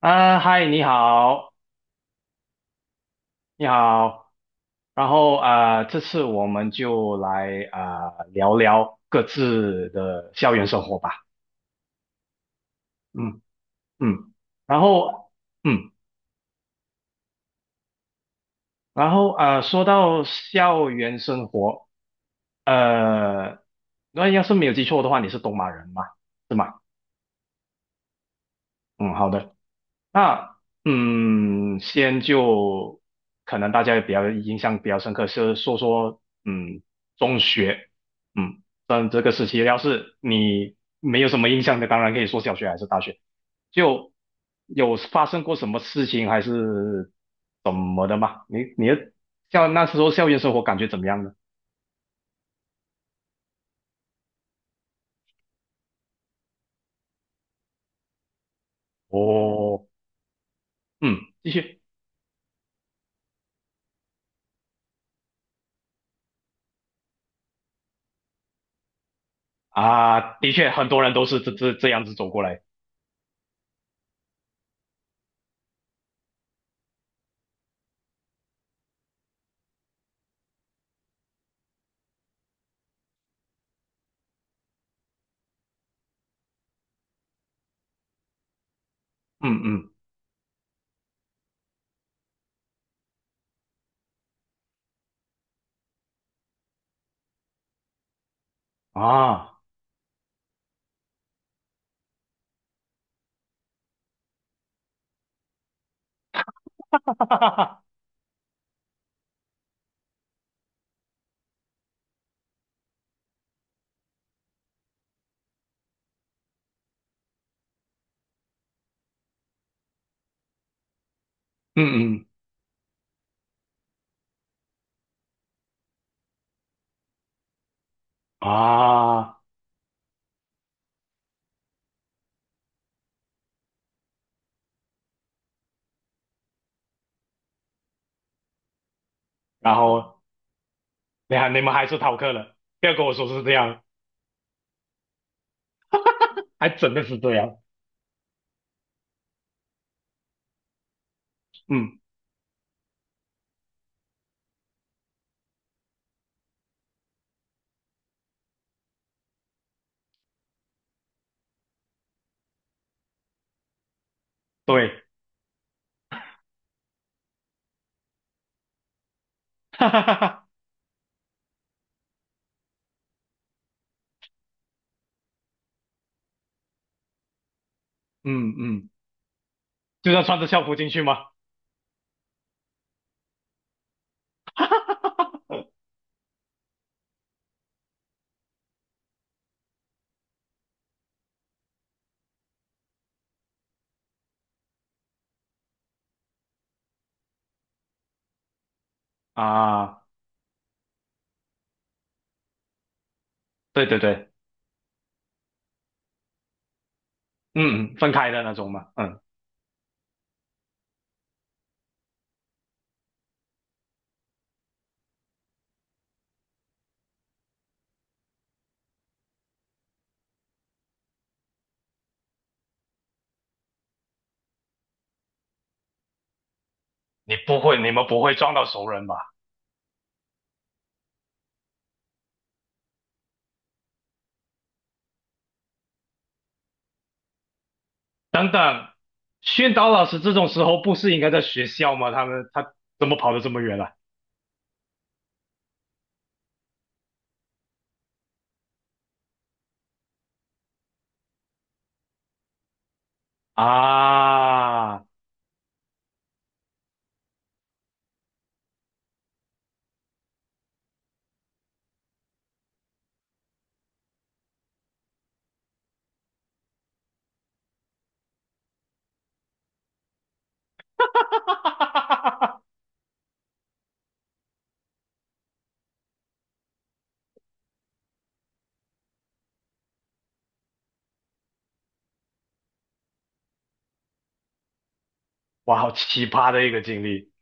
啊，嗨，你好，你好。然后啊，这次我们就来啊、聊聊各自的校园生活吧。嗯嗯，然后嗯，然后啊、说到校园生活，呃，那要是没有记错的话，你是东马人嘛，是吗？嗯，好的。那嗯，先就可能大家也比较印象比较深刻，是说说嗯中学，嗯，但这个时期要是你没有什么印象的，当然可以说小学还是大学，就有发生过什么事情还是怎么的嘛？你的像那时候校园生活感觉怎么样呢？哦，嗯，继续啊，的确很多人都是这样子走过来，嗯嗯啊，哈哈哈哈，嗯嗯。啊，然后你们还是逃课了，不要跟我说是这样，还真的是这样，嗯，对，哈哈哈哈，嗯嗯，就算穿着校服进去吗？啊，对对对，嗯，嗯分开的那种嘛，嗯，你不会，你们不会撞到熟人吧？等等，宣导老师这种时候不是应该在学校吗？他们怎么跑得这么远了？啊，哈哈哈哈哇，好奇葩的一个经历，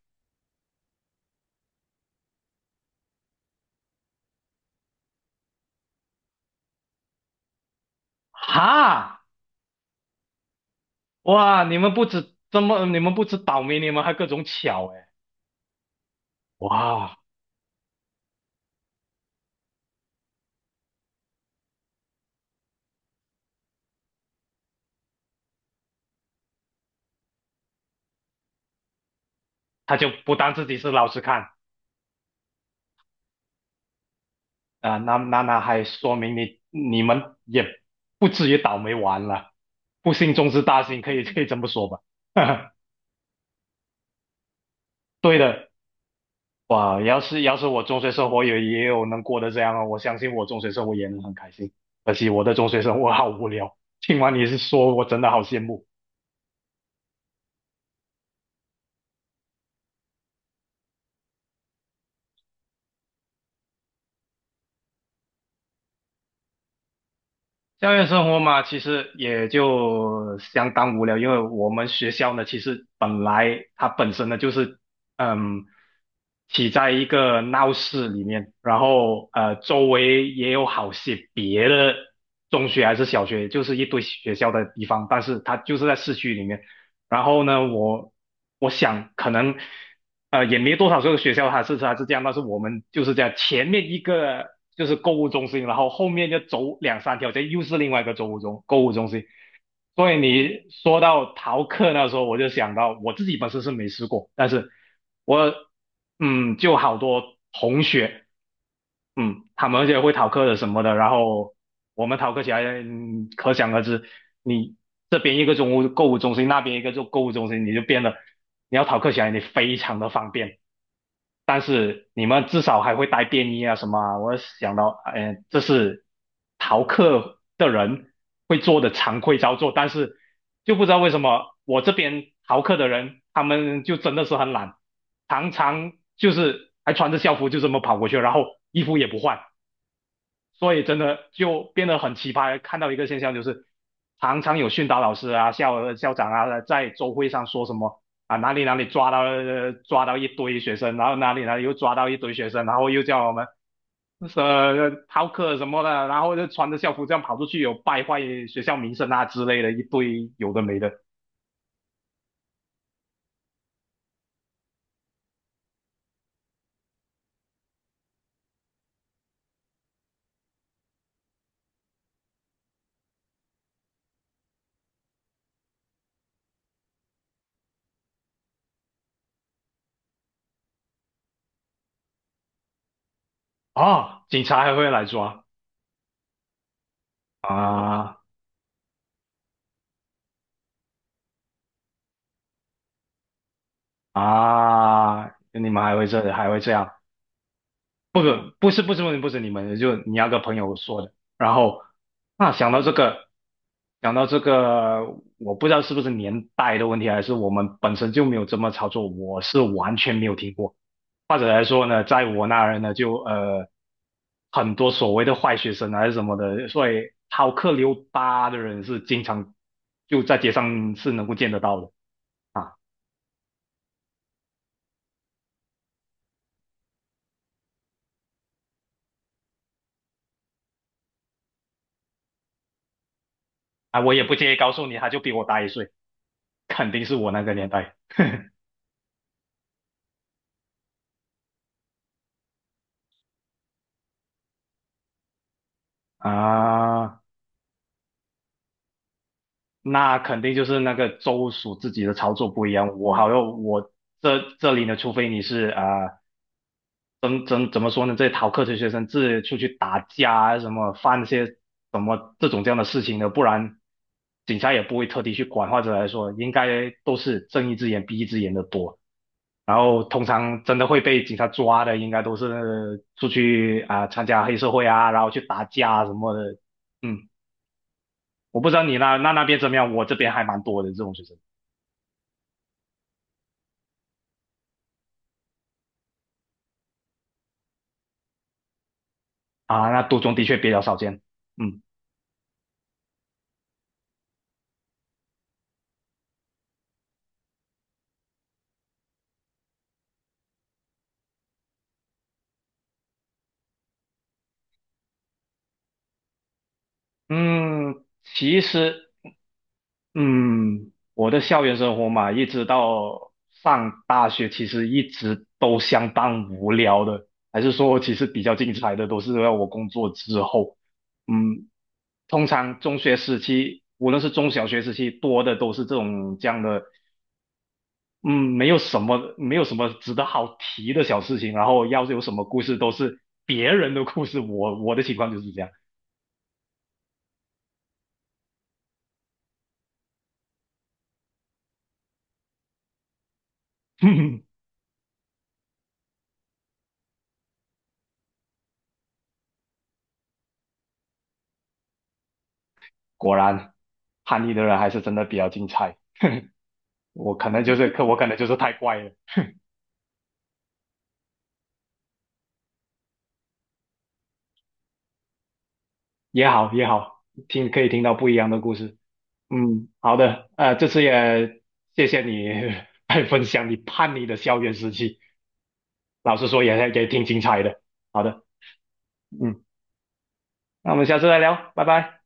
哈。哇，你们不止这么，你们不止倒霉，你们还各种巧哎！哇，他就不当自己是老师看啊，那还说明你们也不至于倒霉完了，不幸中之大幸，可以可以这么说吧？对的，哇，要是要是我中学生活也也有能过得这样啊，我相信我中学生活也能很开心。可惜我的中学生活好无聊，听完你是说，我真的好羡慕。校园生活嘛，其实也就相当无聊，因为我们学校呢，其实本来它本身呢就是，嗯，起在一个闹市里面，然后周围也有好些别的中学还是小学，就是一堆学校的地方，但是它就是在市区里面。然后呢，我我想可能也没多少个学校它是这样，但是我们就是这样，前面一个就是购物中心，然后后面就走两三条街又是另外一个购物中心。所以你说到逃课那时候，我就想到我自己本身是没试过，但是我嗯就好多同学。嗯，他们而且会逃课的什么的，然后我们逃课起来，嗯可想而知，你这边一个中物购物中心，那边一个就购物中心，你就变得你要逃课起来，你非常的方便。但是你们至少还会带便衣啊什么啊，我想到，哎，这是逃课的人会做的常规操作，但是就不知道为什么我这边逃课的人，他们就真的是很懒，常常就是还穿着校服就这么跑过去，然后衣服也不换。所以真的就变得很奇葩。看到一个现象就是，常常有训导老师啊、校长啊，在周会上说什么啊，哪里哪里抓到抓到一堆学生，然后哪里哪里又抓到一堆学生，然后又叫我们逃课什么的，然后就穿着校服这样跑出去，有败坏学校名声啊之类的一堆有的没的啊，警察还会来抓啊啊，你们还会这还会这样。不是你们的就你那个朋友说的。然后那想到这个，想到这个，我不知道是不是年代的问题，还是我们本身就没有这么操作，我是完全没有听过。或者来说呢，在我那儿呢，就很多所谓的坏学生啊还是什么的，所以逃课溜达的人是经常就在街上是能够见得到的啊啊，我也不介意告诉你，他就比我大一岁，肯定是我那个年代啊。那肯定就是那个州属自己的操作不一样。我好像我这里呢，除非你是啊、怎么说呢？这些逃课的学生自己出去打架啊，什么犯些什么这种这样的事情的，不然警察也不会特地去管，或者来说，应该都是睁一只眼闭一只眼的多。然后通常真的会被警察抓的，应该都是出去啊、参加黑社会啊，然后去打架啊什么的。嗯，我不知道你那边怎么样，我这边还蛮多的这种学生。啊，那独中的确比较少见。嗯嗯，其实嗯，我的校园生活嘛，一直到上大学，其实一直都相当无聊的。还是说，其实比较精彩的都是要我工作之后。嗯，通常中学时期，无论是中小学时期，多的都是这种这样的。嗯，没有什么，没有什么值得好提的小事情。然后要是有什么故事，都是别人的故事。我我的情况就是这样。果然，叛逆的人还是真的比较精彩。我可能就是，可我可能就是太怪了，也好也好，听可以听到不一样的故事。嗯，好的，这次也谢谢你 来分享你叛逆的校园时期，老实说也也挺精彩的。好的，嗯，那我们下次再聊，拜拜。